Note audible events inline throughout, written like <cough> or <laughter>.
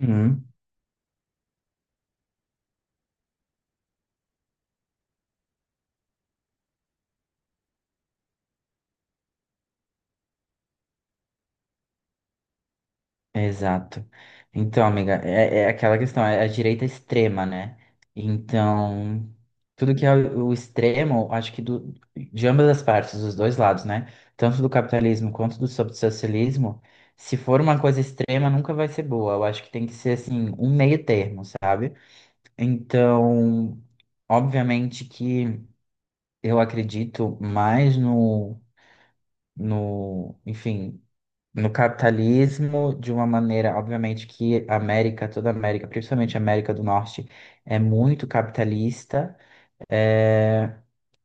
Uhum, exato. Então, amiga, é aquela questão, é a direita extrema, né? Então, tudo que é o extremo, acho que de ambas as partes, dos dois lados, né? Tanto do capitalismo quanto do socialismo, se for uma coisa extrema, nunca vai ser boa. Eu acho que tem que ser, assim, um meio termo, sabe? Então, obviamente que eu acredito mais no, enfim. No capitalismo de uma maneira, obviamente que a América, toda a América, principalmente a América do Norte, é muito capitalista, eh,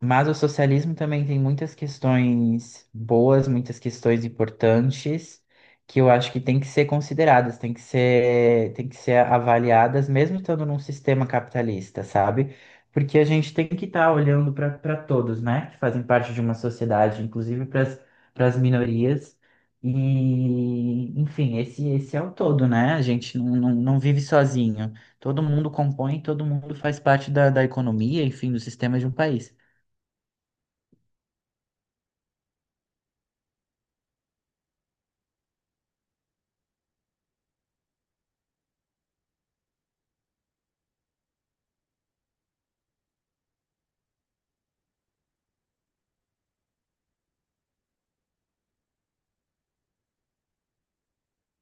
mas o socialismo também tem muitas questões boas, muitas questões importantes que eu acho que tem que ser consideradas, tem que ser avaliadas, mesmo estando num sistema capitalista, sabe? Porque a gente tem que estar olhando para todos, né? Que fazem parte de uma sociedade, inclusive para as minorias. E, enfim, esse é o todo, né? A gente não vive sozinho. Todo mundo compõe, todo mundo faz parte da economia, enfim, do sistema de um país.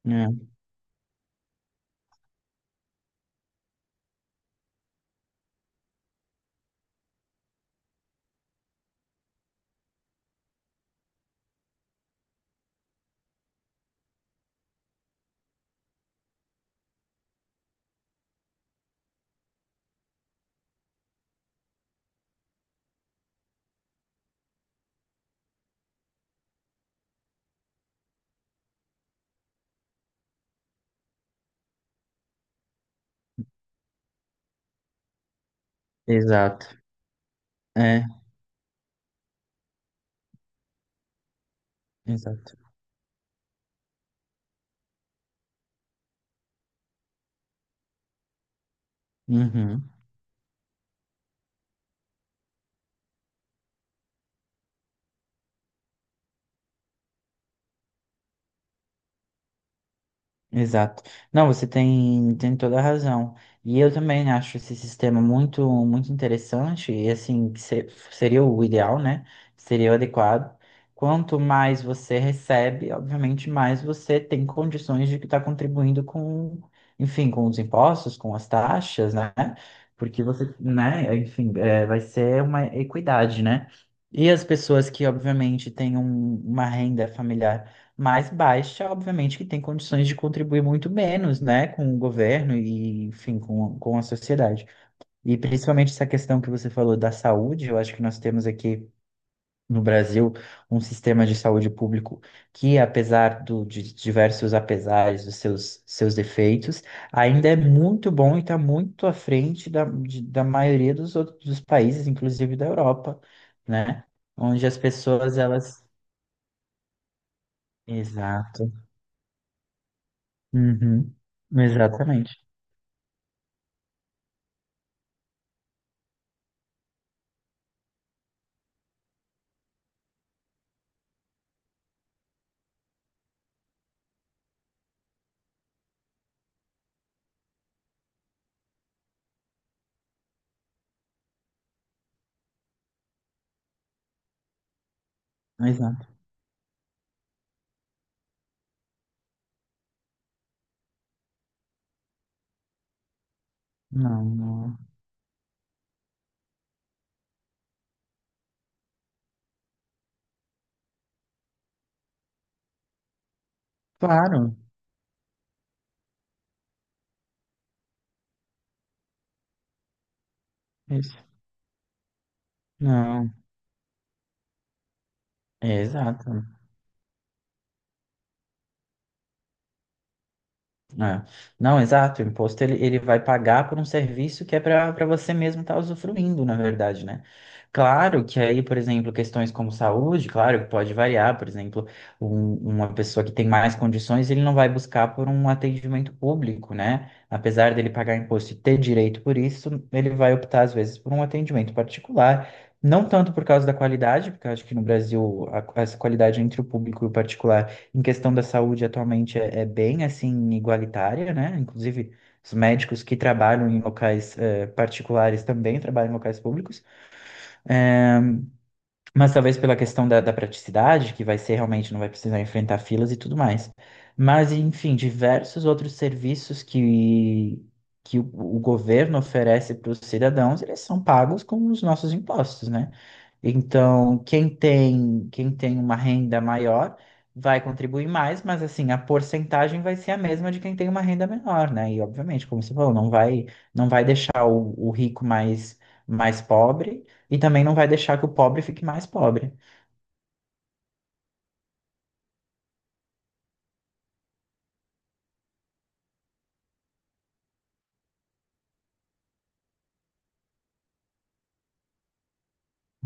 É, exato. É, exato. Uhum. Exato. Não, você tem toda a razão. E eu também acho esse sistema muito, muito interessante e assim, que seria o ideal, né? Seria o adequado. Quanto mais você recebe, obviamente, mais você tem condições de estar contribuindo com, enfim, com os impostos, com as taxas, né? Porque você, né, enfim, vai ser uma equidade, né? E as pessoas que, obviamente, têm uma renda familiar mais baixa, obviamente, que tem condições de contribuir muito menos, né, com o governo e, enfim, com a sociedade. E principalmente essa questão que você falou da saúde, eu acho que nós temos aqui no Brasil um sistema de saúde público que, de diversos apesares dos seus defeitos, ainda é muito bom e está muito à frente da maioria dos outros dos países, inclusive da Europa, né, onde as pessoas, elas. Exato. Uhum. Exatamente. Exato. Não, não. É. Claro. Isso. Não. É, exato. É. Não, exato. O imposto ele vai pagar por um serviço que é para você mesmo estar usufruindo, na verdade, né? Claro que aí, por exemplo, questões como saúde, claro que pode variar. Por exemplo, uma pessoa que tem mais condições, ele não vai buscar por um atendimento público, né? Apesar dele pagar imposto e ter direito por isso, ele vai optar, às vezes, por um atendimento particular. Não tanto por causa da qualidade, porque eu acho que no Brasil essa qualidade entre o público e o particular em questão da saúde atualmente é bem assim igualitária, né? Inclusive os médicos que trabalham em locais particulares também trabalham em locais públicos, mas talvez pela questão da praticidade, que vai ser realmente não vai precisar enfrentar filas e tudo mais. Mas enfim, diversos outros serviços que o governo oferece para os cidadãos, eles são pagos com os nossos impostos, né? Então, quem tem uma renda maior vai contribuir mais, mas assim, a porcentagem vai ser a mesma de quem tem uma renda menor, né? E obviamente, como você falou, não vai deixar o rico mais, mais pobre e também não vai deixar que o pobre fique mais pobre.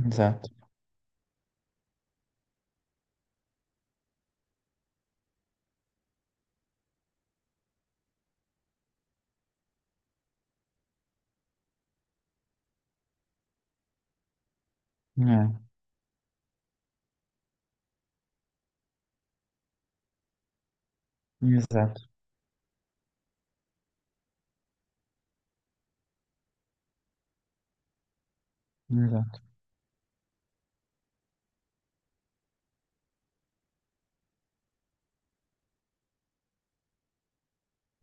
Exato. É, exato, exato.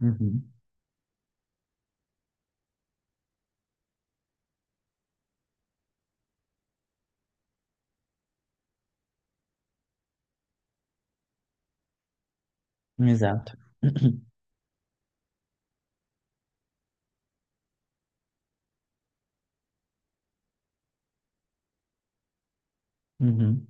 Uhum, exato. <clears throat> Uhum,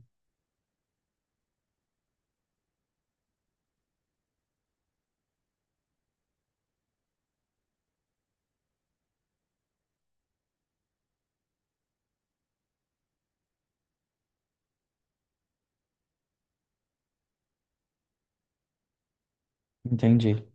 entendi.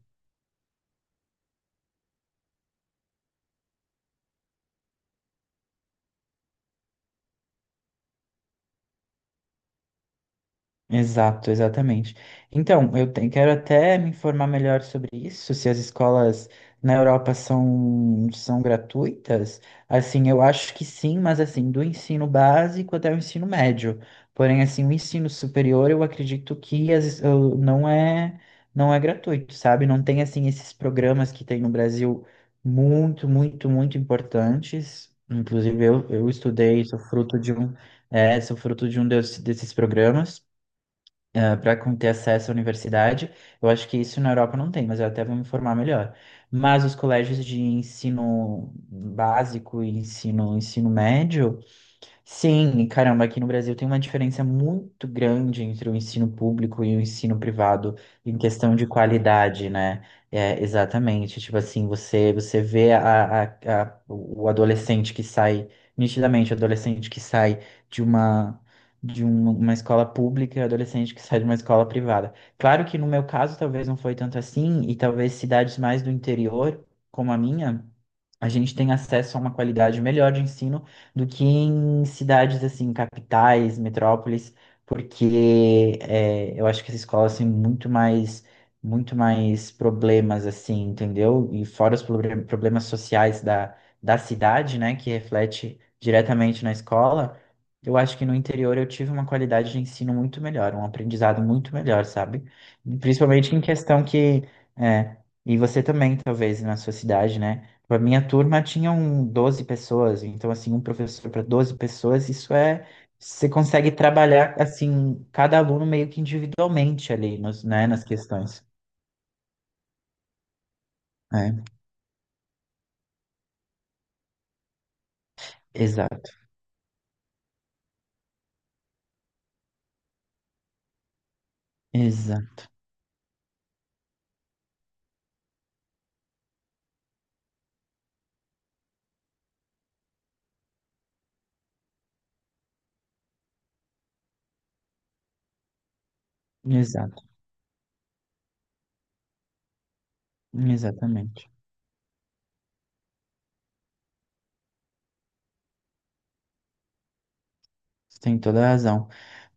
Exato, exatamente. Então, quero até me informar melhor sobre isso, se as escolas na Europa são gratuitas. Assim, eu acho que sim, mas assim, do ensino básico até o ensino médio. Porém, assim, o ensino superior, eu acredito que as, es- eu- não é, não é gratuito, sabe? Não tem, assim, esses programas que tem no Brasil muito, muito, muito importantes. Inclusive, eu estudei, sou fruto de um desses programas para ter acesso à universidade. Eu acho que isso na Europa não tem, mas eu até vou me informar melhor. Mas os colégios de ensino básico e ensino médio. Sim, e caramba, aqui no Brasil tem uma diferença muito grande entre o ensino público e o ensino privado em questão de qualidade, né? É, exatamente. Tipo assim, você vê o adolescente que sai, nitidamente, o adolescente que sai de uma, de um- uma escola pública e o adolescente que sai de uma escola privada. Claro que no meu caso talvez não foi tanto assim, e talvez cidades mais do interior, como a minha, a gente tem acesso a uma qualidade melhor de ensino do que em cidades assim, capitais, metrópoles, porque eu acho que as escolas têm muito mais problemas assim, entendeu? E fora os problemas sociais da cidade, né, que reflete diretamente na escola, eu acho que no interior eu tive uma qualidade de ensino muito melhor, um aprendizado muito melhor, sabe? Principalmente em questão que é, e você também, talvez, na sua cidade, né? A minha turma tinha 12 pessoas, então, assim, um professor para 12 pessoas, isso é. Você consegue trabalhar, assim, cada aluno meio que individualmente ali, né, nas questões. É, exato, exa, exato, exatamente. Você tem toda a razão.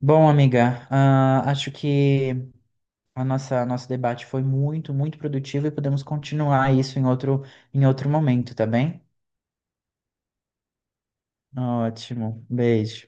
Bom, amiga, acho que a nossa nosso debate foi muito, muito produtivo e podemos continuar isso em outro momento, tá bem? Ótimo, beijo.